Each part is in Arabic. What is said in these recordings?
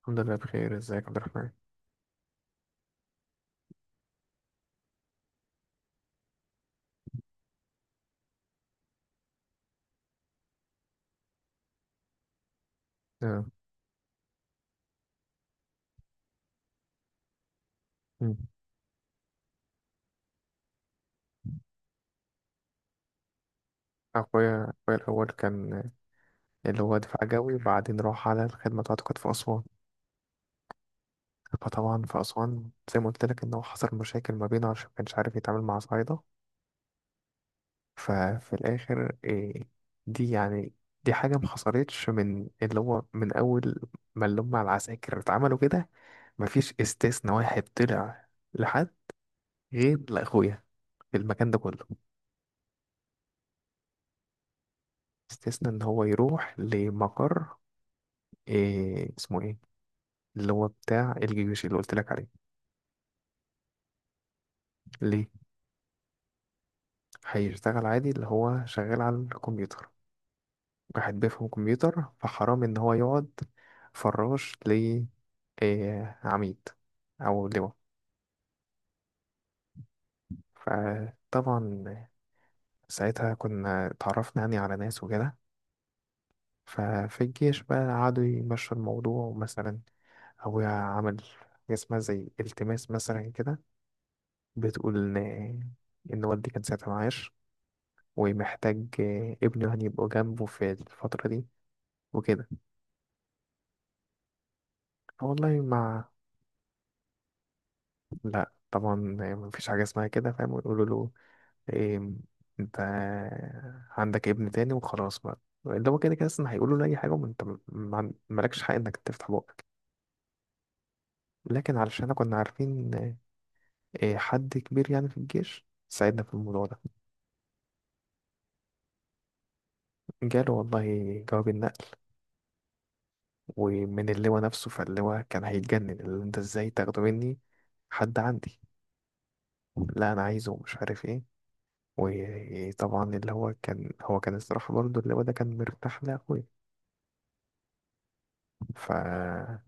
الحمد لله بخير. ازيك يا عبد الرحمن؟ آه، مم. اخويا الاول كان اللي هو دفاع جوي، وبعدين راح على الخدمه بتاعته، كانت في اسوان. فطبعا في اسوان زي ما قلت لك ان هو حصل مشاكل ما بينه، عشان ما كانش عارف يتعامل مع صعايده. ففي الاخر دي دي حاجه ما حصلتش من اللي هو من اول ما اللي هم العساكر اتعملوا كده. مفيش استثناء واحد طلع لحد، غير لاخويا في المكان ده كله. استثناء ان هو يروح لمقر إيه اسمه ايه اللي هو بتاع الجيوش اللي قلت لك عليه. ليه، هيشتغل عادي اللي هو شغال على الكمبيوتر. واحد بيفهم كمبيوتر فحرام ان هو يقعد فراش ل عميد او لواء. فطبعا ساعتها كنا اتعرفنا يعني على ناس وكده. ففي الجيش بقى قعدوا يمشوا الموضوع. مثلا أبويا عمل حاجة اسمها زي التماس مثلا كده، بتقول إن والدي كان ساعتها معاش، ومحتاج ابنه يعني يبقى جنبه في الفترة دي وكده. والله ما، لا طبعا مفيش حاجة اسمها كده، فاهم؟ ويقولوا له إيه، انت عندك ابن تاني وخلاص بقى. اللي هو كده كده اصلا هيقولوا له اي حاجة، وانت مالكش حق انك تفتح بقك. لكن علشان احنا كنا عارفين آه، إيه، حد كبير يعني في الجيش، ساعدنا في الموضوع ده. جاله والله جواب النقل، ومن اللواء نفسه. فاللواء كان هيتجنن، اللي انت ازاي تاخده مني؟ حد عندي، لا انا عايزه، ومش عارف ايه. وطبعا اللي هو كان الصراحه برضو اللي هو ده كان مرتاح لاخويا. فكان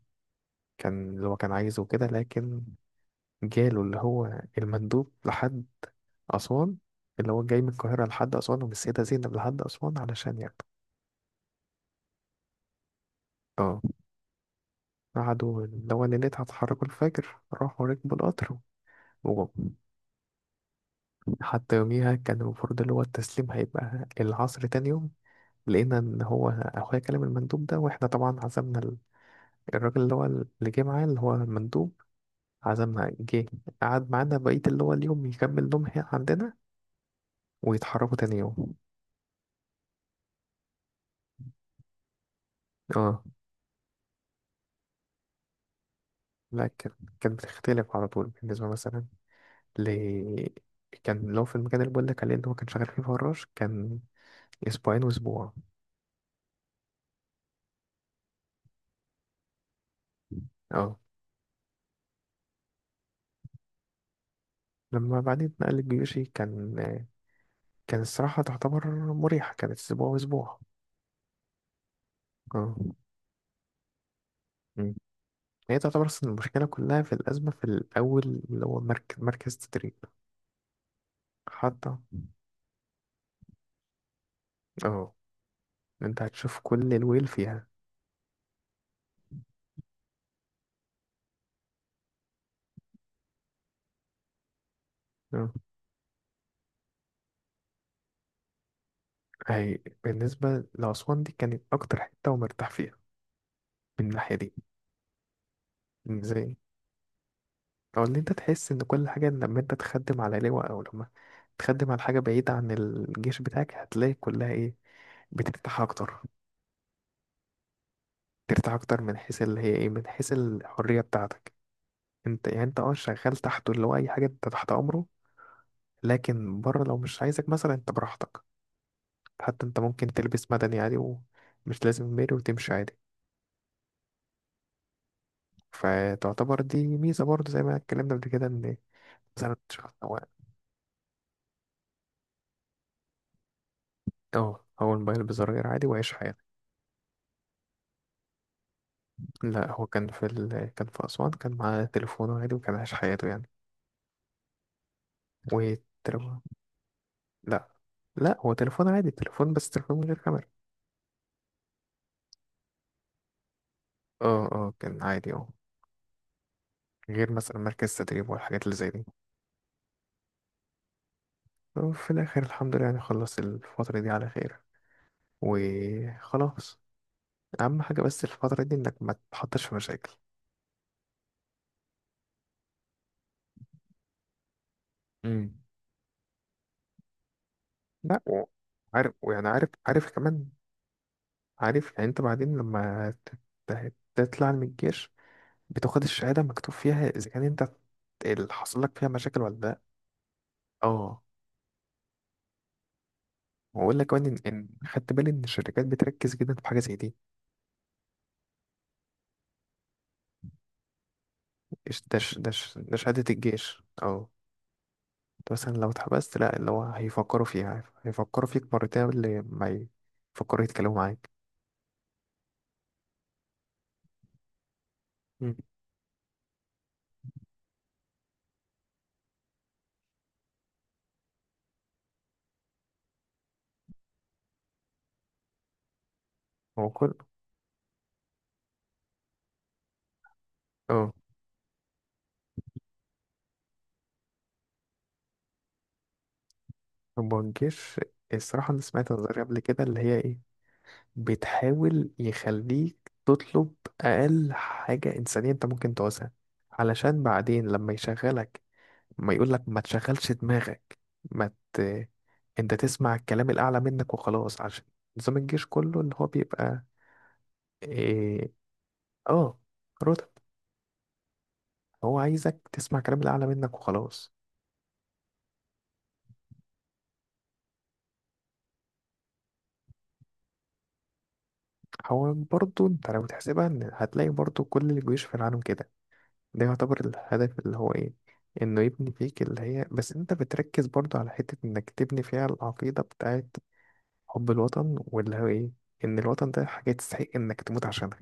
اللي هو كان عايزه كده. لكن جاله اللي هو المندوب لحد اسوان، اللي هو جاي من القاهره لحد اسوان، ومن السيده زينب لحد اسوان علشان ياخده. اه. قعدوا اللي هو ليلتها اتحركوا الفجر، راحوا ركبوا القطر وجم. حتى يوميها كان المفروض اللي هو التسليم هيبقى العصر تاني يوم. لقينا ان هو اخويا كلم المندوب ده، واحنا طبعا عزمنا الراجل اللي هو اللي جه معاه اللي هو المندوب، عزمنا، جه قعد معانا بقية اللي هو اليوم، يكمل نوم هنا عندنا، ويتحركوا تاني يوم. اه. لا كانت، كانت بتختلف على طول. بالنسبة مثلا ل، كان لو في المكان اللي بقول لك عليه اللي هو كان شغال فيه فراش، كان أسبوعين وأسبوع. اه. لما بعدين اتنقل الجيوشي، كان كان الصراحة تعتبر مريحة، كانت أسبوع وأسبوع. اه. مم. هي تعتبر أصلا المشكلة كلها في الأزمة في الأول، اللي هو مركز تدريب. حتى اه انت هتشوف كل الويل فيها. اه. هي بالنسبة لأسوان دي كانت أكتر حتة ومرتاح فيها، من الناحية دي. ازاي؟ أو إن أنت تحس إن كل حاجة لما أنت تخدم على لواء، أو لما تخدم على حاجة بعيدة عن الجيش بتاعك، هتلاقي كلها بترتاح أكتر. ترتاح أكتر من حيث اللي هي من حيث الحرية بتاعتك. أنت يعني أنت أه شغال تحته اللي هو أي حاجة، أنت تحت أمره. لكن بره لو مش عايزك مثلا، أنت براحتك. حتى أنت ممكن تلبس مدني عادي، ومش لازم ميري، وتمشي عادي. فتعتبر دي ميزة برضه، زي ما اتكلمنا قبل كده، ان مثلا شخص هو اه هو الموبايل بزراير عادي وعايش حياته. لا هو كان في أسوان، كان معاه تليفونه عادي، وكان عايش حياته يعني. والتليفون، لا، لا، هو تليفون عادي، تليفون، بس تليفون من غير كاميرا. اه اه كان عادي اه. غير مثلا مركز تدريب والحاجات اللي زي دي. وفي الآخر الحمد لله يعني خلص الفترة دي على خير، وخلاص. أهم حاجة بس الفترة دي إنك ما تتحطش في مشاكل. امم، لا. وعارف ويعني عارف عارف كمان، عارف يعني انت بعدين لما تطلع من الجيش، بتاخد الشهادة مكتوب فيها اذا كان انت اللي حصل لك فيها مشاكل ولا لا. اه. واقول لك كمان ان إن خدت بالي ان الشركات بتركز جدا في حاجة زي دي. إيش ده ده شهادة الجيش اه. انت مثلا لو اتحبست، لا اللي هو هيفكروا فيك مرتين قبل ما يفكروا يتكلموا معاك. مم. هو كل اه هو الجيش الصراحة أنا سمعت نظرية قبل كده اللي هي بتحاول يخليك تطلب أقل حاجة إنسانية أنت ممكن تعوزها، علشان بعدين لما يشغلك، ما يقولك ما تشغلش دماغك، ما ت... أنت تسمع الكلام الأعلى منك وخلاص. عشان نظام الجيش كله اللي هو بيبقى إيه... آه رتب. هو عايزك تسمع الكلام الأعلى منك وخلاص. هو برضه أنت لو تحسبها، إن هتلاقي برضه كل الجيوش في العالم كده. ده يعتبر الهدف اللي هو انه يبني فيك اللي هي، بس انت بتركز برضو على حتة انك تبني فيها العقيدة بتاعت حب الوطن، واللي هو ان الوطن ده حاجة تستحق انك تموت عشانها.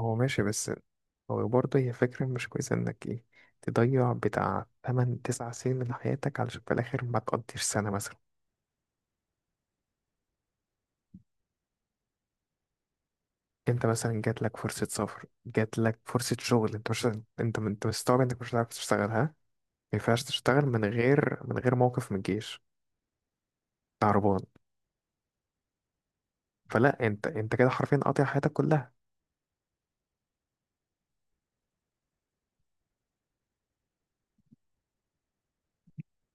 هو ماشي، بس هو برضه هي فكرة مش كويسة انك تضيع بتاع 8 9 سنين من حياتك، علشان في الاخر ما تقضيش سنة مثلا. انت مثلا جات لك فرصة سفر، جات لك فرصة شغل، انت مش، انت مستوعب انك مش هتعرف تشتغلها. ما ينفعش تشتغل من غير من غير موقف من الجيش. تعربان. فلا انت كده حرفيا قاطع حياتك كلها.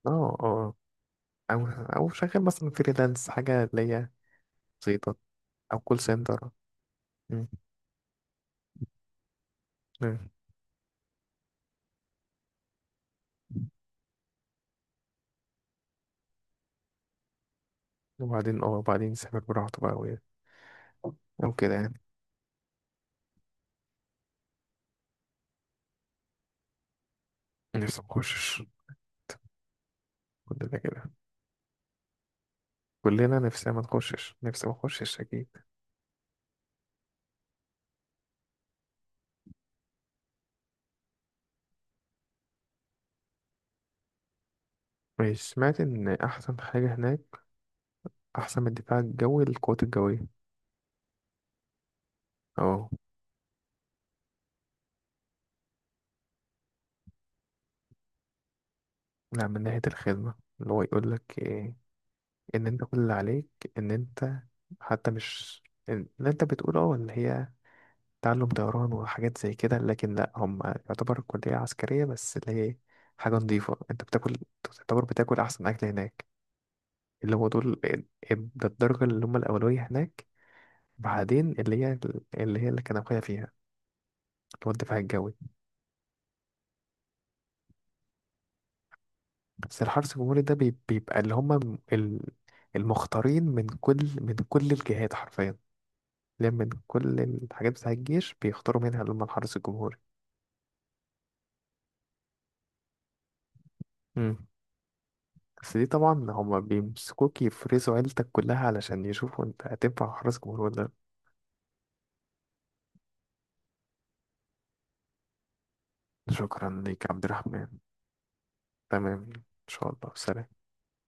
اه اه. او او شغال مثلا فريلانس، حاجه اللي هي بسيطه، او كول سنتر. مم. مم. وبعدين اه وبعدين يسافر براحته بقى و، او كده يعني. نفسي ما اخشش. كلنا كده. كلنا نفسنا ما نخشش. نفسي ما اخشش اكيد. ماشي. سمعت ان احسن حاجه هناك، احسن من الدفاع الجوي، القوات الجويه. اه. لا من ناحيه الخدمه. اللي هو يقول لك ان انت كل اللي عليك، ان انت، حتى مش اللي انت بتقوله اه اللي هي تعلم طيران وحاجات زي كده، لكن لا هم يعتبر كلية عسكرية بس اللي هي حاجة نظيفة، انت بتاكل، تعتبر بتاكل أحسن أكل هناك. اللي هو دول ده الدرجة اللي هم الأولوية هناك. بعدين اللي هي اللي كان أخويا فيها، اللي هو الدفاع الجوي. بس الحرس الجمهوري ده بيبقى اللي هم ال- المختارين من كل الجهات، حرفيا. اللي هي من كل الحاجات بتاع الجيش، بيختاروا منها اللي هم الحرس الجمهوري. بس دي طبعا هما بيمسكوك يفرزوا عيلتك كلها، علشان يشوفوا انت هتنفع حرس جمهور ولا لأ. شكرا ليك يا عبد الرحمن. تمام، ان شاء الله، سلام.